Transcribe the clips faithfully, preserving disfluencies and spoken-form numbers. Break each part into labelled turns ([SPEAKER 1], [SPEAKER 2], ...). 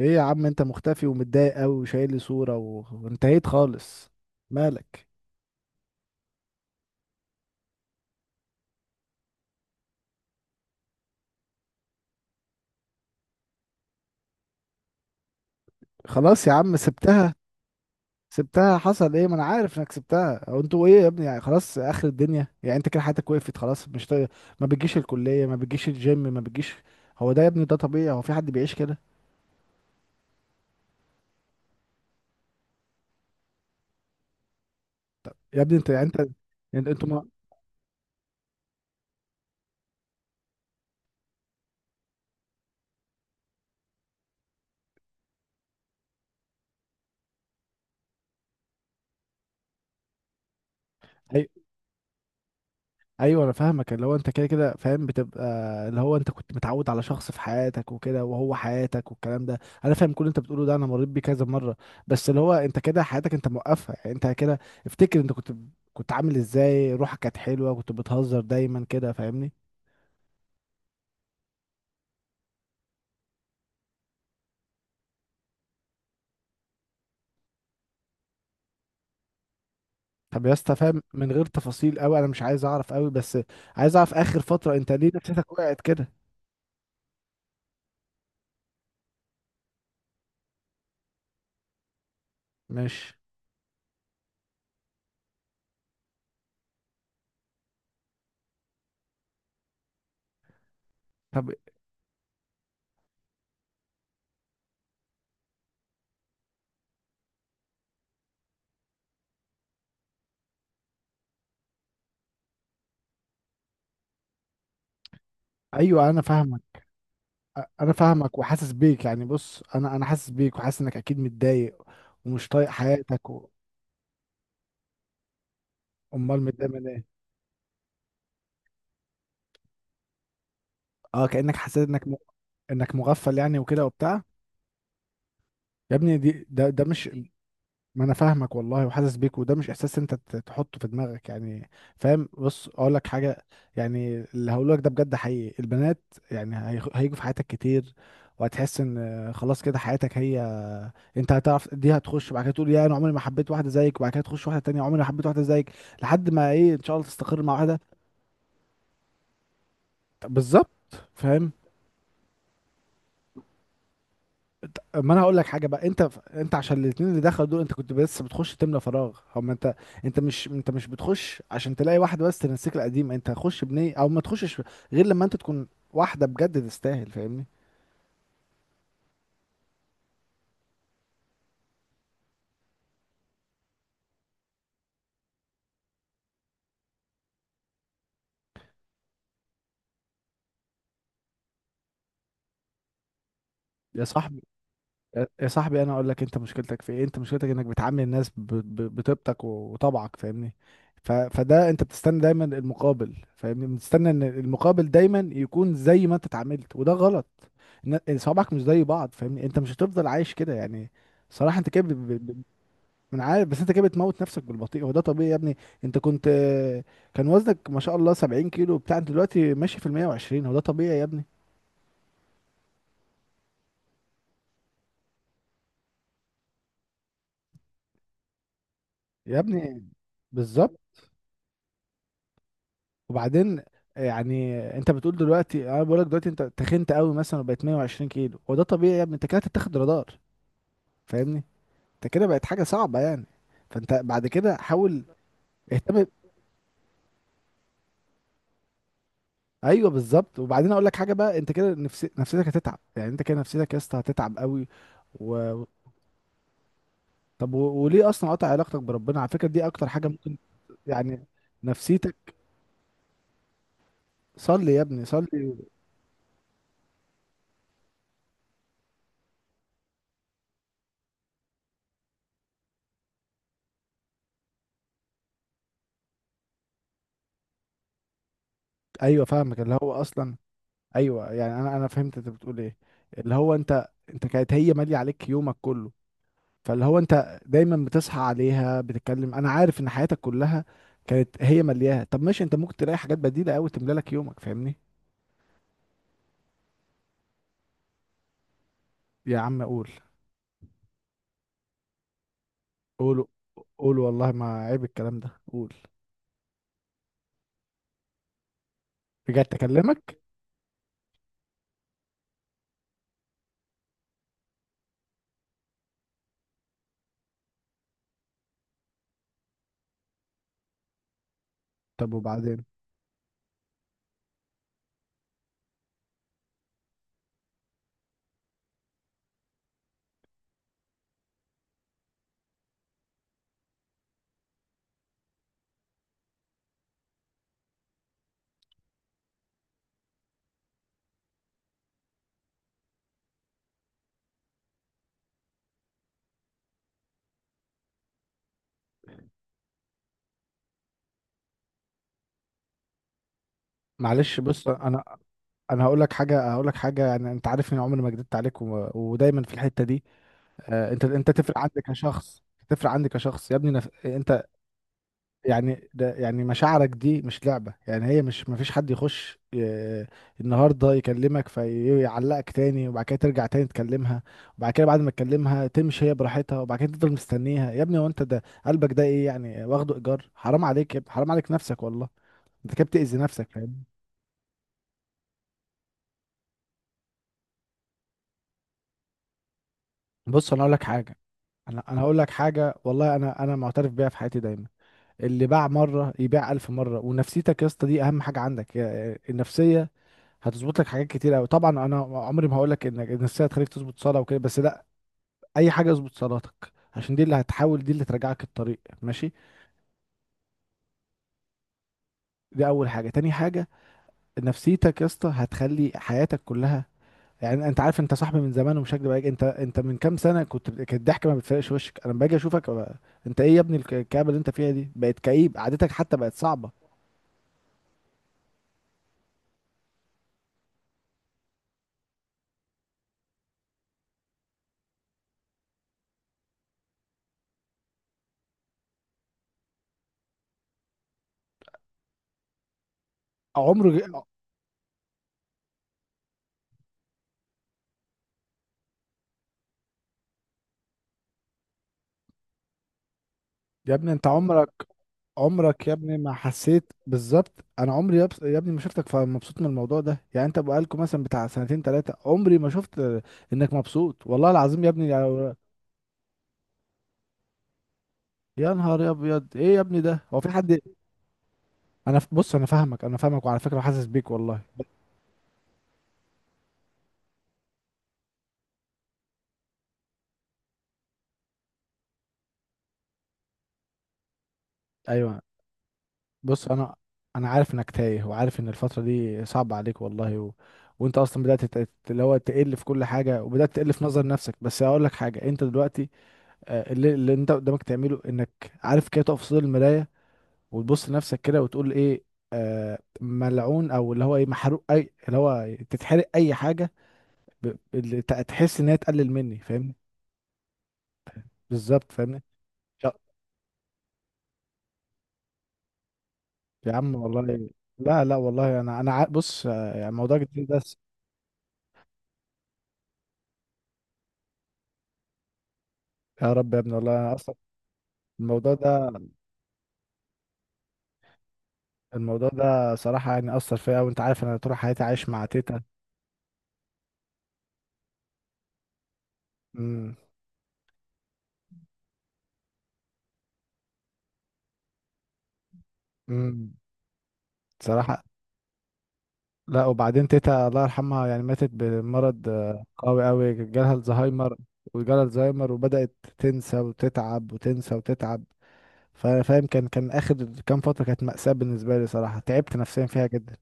[SPEAKER 1] ايه يا عم، انت مختفي ومتضايق قوي وشايل لي صورة و... وانتهيت خالص. مالك؟ خلاص يا عم سبتها. سبتها، حصل ايه؟ ما انا عارف انك سبتها او انتوا ايه يا ابني، يعني خلاص اخر الدنيا؟ يعني انت كده حياتك وقفت خلاص، مش طايق، ما بتجيش الكلية، ما بتجيش الجيم، ما بتجيش. هو ده يا ابني؟ ده طبيعي؟ هو في حد بيعيش كده؟ يا ابني انت يعني انت انت- انتوا ما... ايوه انا فاهمك، اللي هو انت كده كده فاهم بتبقى، اللي هو انت كنت متعود على شخص في حياتك وكده وهو حياتك والكلام ده. انا فاهم كل اللي انت بتقوله ده، انا مريت بيه كذا مره. بس اللي هو انت كده حياتك انت موقفها، يعني انت كده. افتكر انت كنت كنت عامل ازاي، روحك كانت حلوه، كنت بتهزر دايما كده، فاهمني؟ طب يا اسطى، فاهم من غير تفاصيل قوي، انا مش عايز اعرف قوي، بس عايز اعرف اخر فتره انت ليه نفسيتك وقعت كده؟ مش طب، ايوه انا فاهمك، انا فاهمك وحاسس بيك. يعني بص انا انا حاسس بيك وحاسس انك اكيد متضايق ومش طايق حياتك و... امال متضايق من ايه؟ اه، كانك حسيت انك م... انك مغفل يعني وكده وبتاع. يا ابني دي ده ده مش، ما انا فاهمك والله وحاسس بيك، وده مش احساس انت ت- تحطه في دماغك يعني، فاهم؟ بص اقول لك حاجه، يعني اللي هقوله لك ده بجد حقيقي. البنات يعني هيخ- هيجوا في حياتك كتير، وهتحس ان خلاص كده حياتك هي. انت هتعرف دي، هتخش بعد كده تقول يا انا عمري ما حبيت واحده زيك، وبعد كده تخش واحده تانية عمري ما حبيت واحده زيك، لحد ما ايه ان شاء الله تستقر مع واحده. بالظبط، فاهم. ما انا هقول لك حاجه بقى، انت انت عشان الاثنين اللي دخلوا دول انت كنت بس بتخش تملى فراغ، هو ما انت، انت مش انت مش بتخش عشان تلاقي واحده بس تنسيك القديم، انت هتخش بنيه او ما تخشش غير لما انت تكون واحده بجد تستاهل، فاهمني؟ يا صاحبي، يا يا صاحبي، انا اقول لك انت مشكلتك في ايه. انت مشكلتك انك بتعامل الناس ب- ب- بطيبتك و- وطبعك، فاهمني؟ ف... فده انت بتستنى دايما المقابل، فاهمني؟ بتستنى ان المقابل دايما يكون زي ما انت اتعاملت، وده غلط. إن- صوابعك مش زي بعض، فاهمني؟ انت مش هتفضل عايش كده يعني. صراحة انت كده ب... ب... ب- من عارف. بس انت كده بتموت نفسك بالبطيء. هو ده طبيعي يا ابني؟ انت كنت، كان وزنك ما شاء الله سبعين كيلو بتاع، انت دلوقتي ماشي في ال مئة وعشرين، هو ده طبيعي يا ابني؟ يا ابني بالظبط. وبعدين يعني انت بتقول دلوقتي، انا بقول لك دلوقتي انت تخنت قوي مثلا وبقت مئة وعشرين كيلو، هو ده طبيعي يا ابني؟ انت كده هتتاخد رادار، فاهمني؟ انت كده بقت حاجه صعبه يعني. فانت بعد كده حاول اهتم. ايوه بالظبط. وبعدين اقول لك حاجه بقى، انت كده نفسي... نفسيتك هتتعب، يعني انت كده نفسيتك يا اسطى هتتعب قوي و... طب و... وليه اصلا قاطع علاقتك بربنا؟ على فكره دي اكتر حاجه ممكن، يعني نفسيتك. صلي يا ابني، صلي. ايوه فاهمك، اللي هو اصلا ايوه، يعني انا انا فهمت انت بتقول ايه، اللي هو انت انت كانت هي ماليه عليك يومك كله، فاللي هو انت دايما بتصحى عليها بتتكلم، انا عارف ان حياتك كلها كانت هي ملياها. طب ماشي، انت ممكن تلاقي حاجات بديله قوي تملى لك يومك، فاهمني؟ يا عم قول. قول، قول والله ما عيب الكلام ده، قول. رجعت اكلمك؟ طب وبعدين؟ معلش بص، انا انا هقول لك حاجه، هقول لك حاجه، يعني انت عارف اني عمري ما كدبت عليك و... ودايما في الحته دي، آه، انت انت تفرق عندك كشخص، تفرق عندي كشخص يا ابني. نف... انت يعني ده، يعني مشاعرك دي مش لعبة، يعني هي مش مفيش حد يخش ي- النهاردة يكلمك فيعلقك تاني، وبعد كده ترجع تاني تكلمها، وبعد كده بعد ما تكلمها تمشي هي براحتها، وبعد كده تفضل مستنيها. يا ابني هو انت ده قلبك ده ايه يعني؟ واخده ايجار؟ حرام عليك يا ابني، حرام عليك نفسك والله. انت كده بتأذي نفسك، فاهم؟ بص انا اقول لك حاجة، انا انا هقول لك حاجة والله، انا انا معترف بيها في حياتي دايما، اللي باع مرة يبيع ألف مرة. ونفسيتك يا اسطى دي أهم حاجة عندك يا- النفسية هتظبط لك حاجات كتير قوي. طبعا انا عمري ما هقول لك انك ان السنه تخليك تظبط صلاه وكده، بس لا، اي حاجه اظبط صلاتك عشان دي اللي هتحاول، دي اللي ترجعك الطريق ماشي. دي اول حاجه. تاني حاجه، نفسيتك يا اسطى هتخلي حياتك كلها، يعني انت عارف انت صاحبي من زمان ومش هكدب عليك، انت انت من كام سنه كنت، كانت الضحك ما بتفرقش وشك، انا لما باجي اشوفك بقى انت ايه يا ابني؟ الك- الكآبه اللي انت فيها دي بقت كئيب، قعدتك حتى بقت صعبه. عمر، يا ابني انت عمرك، عمرك يا ابني ما حسيت بالظبط، انا عمري يا بس- يا ابني ما شفتك ف- مبسوط من الموضوع ده. يعني انت بقالكوا مثلا بتاع سنتين ثلاثه، عمري ما شفت آه، انك مبسوط والله العظيم يا ابني، يا يا نهار ابيض، ايه يا ابني ده، هو في حد، انا ف- بص انا فاهمك، انا فاهمك وعلى فكره حاسس بيك والله. ايوه بص انا، انا عارف انك تايه وعارف ان الفتره دي صعبه عليك والله و... وانت اصلا بدات تت- اللي هو تقل في كل حاجه وبدات تقل في نظر نفسك. بس هقول لك حاجه، انت دلوقتي آه، اللي, اللي انت قدامك تعمله انك عارف كده تقف في صدر المرايه وتبص لنفسك كده وتقول ايه، آه ملعون او اللي هو ايه محروق، اي اللي هو تتحرق اي حاجه، ب... اللي ت- تحس ان هي تقلل مني، فاهمني؟ بالظبط، فاهمني. يا يا عم والله، لا لا والله، انا انا عا- بص، آه، يعني موضوع الجيم ده س- يا رب يا ابني والله. انا اصلا الموضوع ده، الموضوع ده صراحه يعني اثر فيا، وانت عارف انا طول حياتي عايش مع تيتا. امم امم صراحه لا، وبعدين تيتا الله يرحمها يعني ماتت بمرض آه، قوي قوي، جالها الزهايمر، وجالها الزهايمر وبدأت تنسى وتتعب وتنسى وتتعب، فا- فاهم، كان كان آخر كام فترة كانت مأساة بالنسبة لي صراحة، تعبت نفسيا فيها جدا.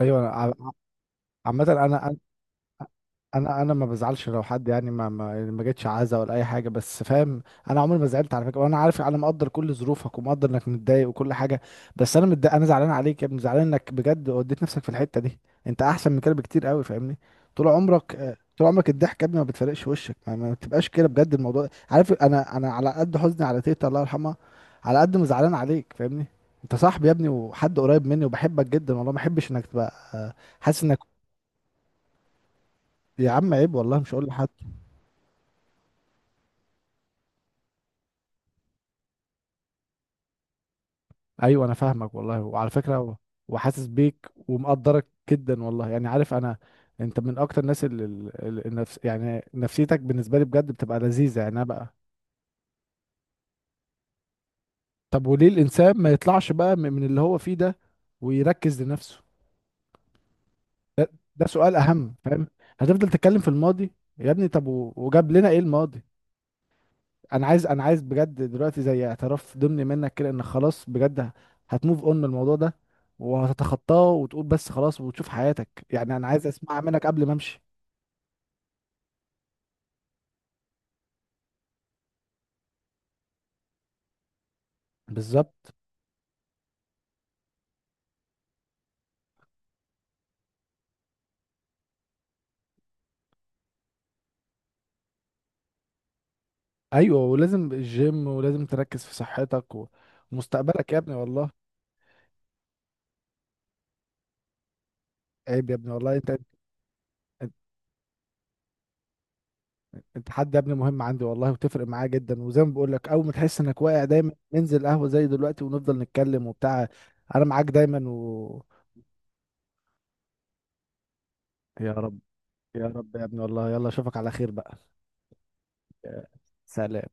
[SPEAKER 1] أيوة ع- عامة أنا، انا انا ما بزعلش لو حد يعني ما ما, يعني ما جتش عزا ولا اي حاجه، بس فاهم. انا عمري ما زعلت على فكره، وانا عارف، انا مقدر كل ظروفك ومقدر انك متضايق وكل حاجه. بس انا متضايق، انا زعلان عليك يا ابني، زعلان انك بجد وديت نفسك في الحته دي. انت احسن من كده بكتير قوي، فاهمني؟ طول عمرك، آه، طول عمرك الضحك يا ابني ما بتفرقش وشك، ما, ما بتبقاش كده بجد الموضوع. عارف انا، انا على قد حزني على تيتا الله يرحمها، على قد ما زعلان عليك، فاهمني؟ انت صاحبي يا ابني، وحد قريب مني وبحبك جدا والله، ما احبش انك تبقى آه، حاسس انك. يا عم عيب والله، مش هقول لحد. ايوه انا فاهمك والله وعلى فكره و- وحاسس بيك ومقدرك جدا والله. يعني عارف انا، انت من اكتر الناس اللي اللي- النفس يعني نفسيتك بالنسبه لي بجد بتبقى لذيذه يعني، انا بقى. طب وليه الانسان ما يطلعش بقى من من اللي هو فيه ده ويركز لنفسه؟ ده سؤال اهم، فاهم؟ هتفضل تتكلم في الماضي يا ابني؟ طب و- وجاب لنا ايه الماضي؟ انا عايز، انا عايز بجد دلوقتي زي اعتراف ضمني منك كده ان خلاص بجد هتموف اون من الموضوع ده وهتتخطاه وتقول بس خلاص وتشوف حياتك، يعني انا عايز اسمعها منك قبل ما امشي. بالظبط. ايوه، ولازم الجيم ولازم تركز في صحتك و- ومستقبلك يا ابني والله. عيب يا ابني والله، انت انت انت حد يا ابني مهم عندي والله، وتفرق معايا جدا، وزي ما بقول لك، اول ما تحس انك واقع دايما ننزل قهوة زي دلوقتي ونفضل نتكلم وبتاع. انا معاك دايما و يا رب، يا رب يا ابني والله، يلا اشوفك على خير بقى. سلام.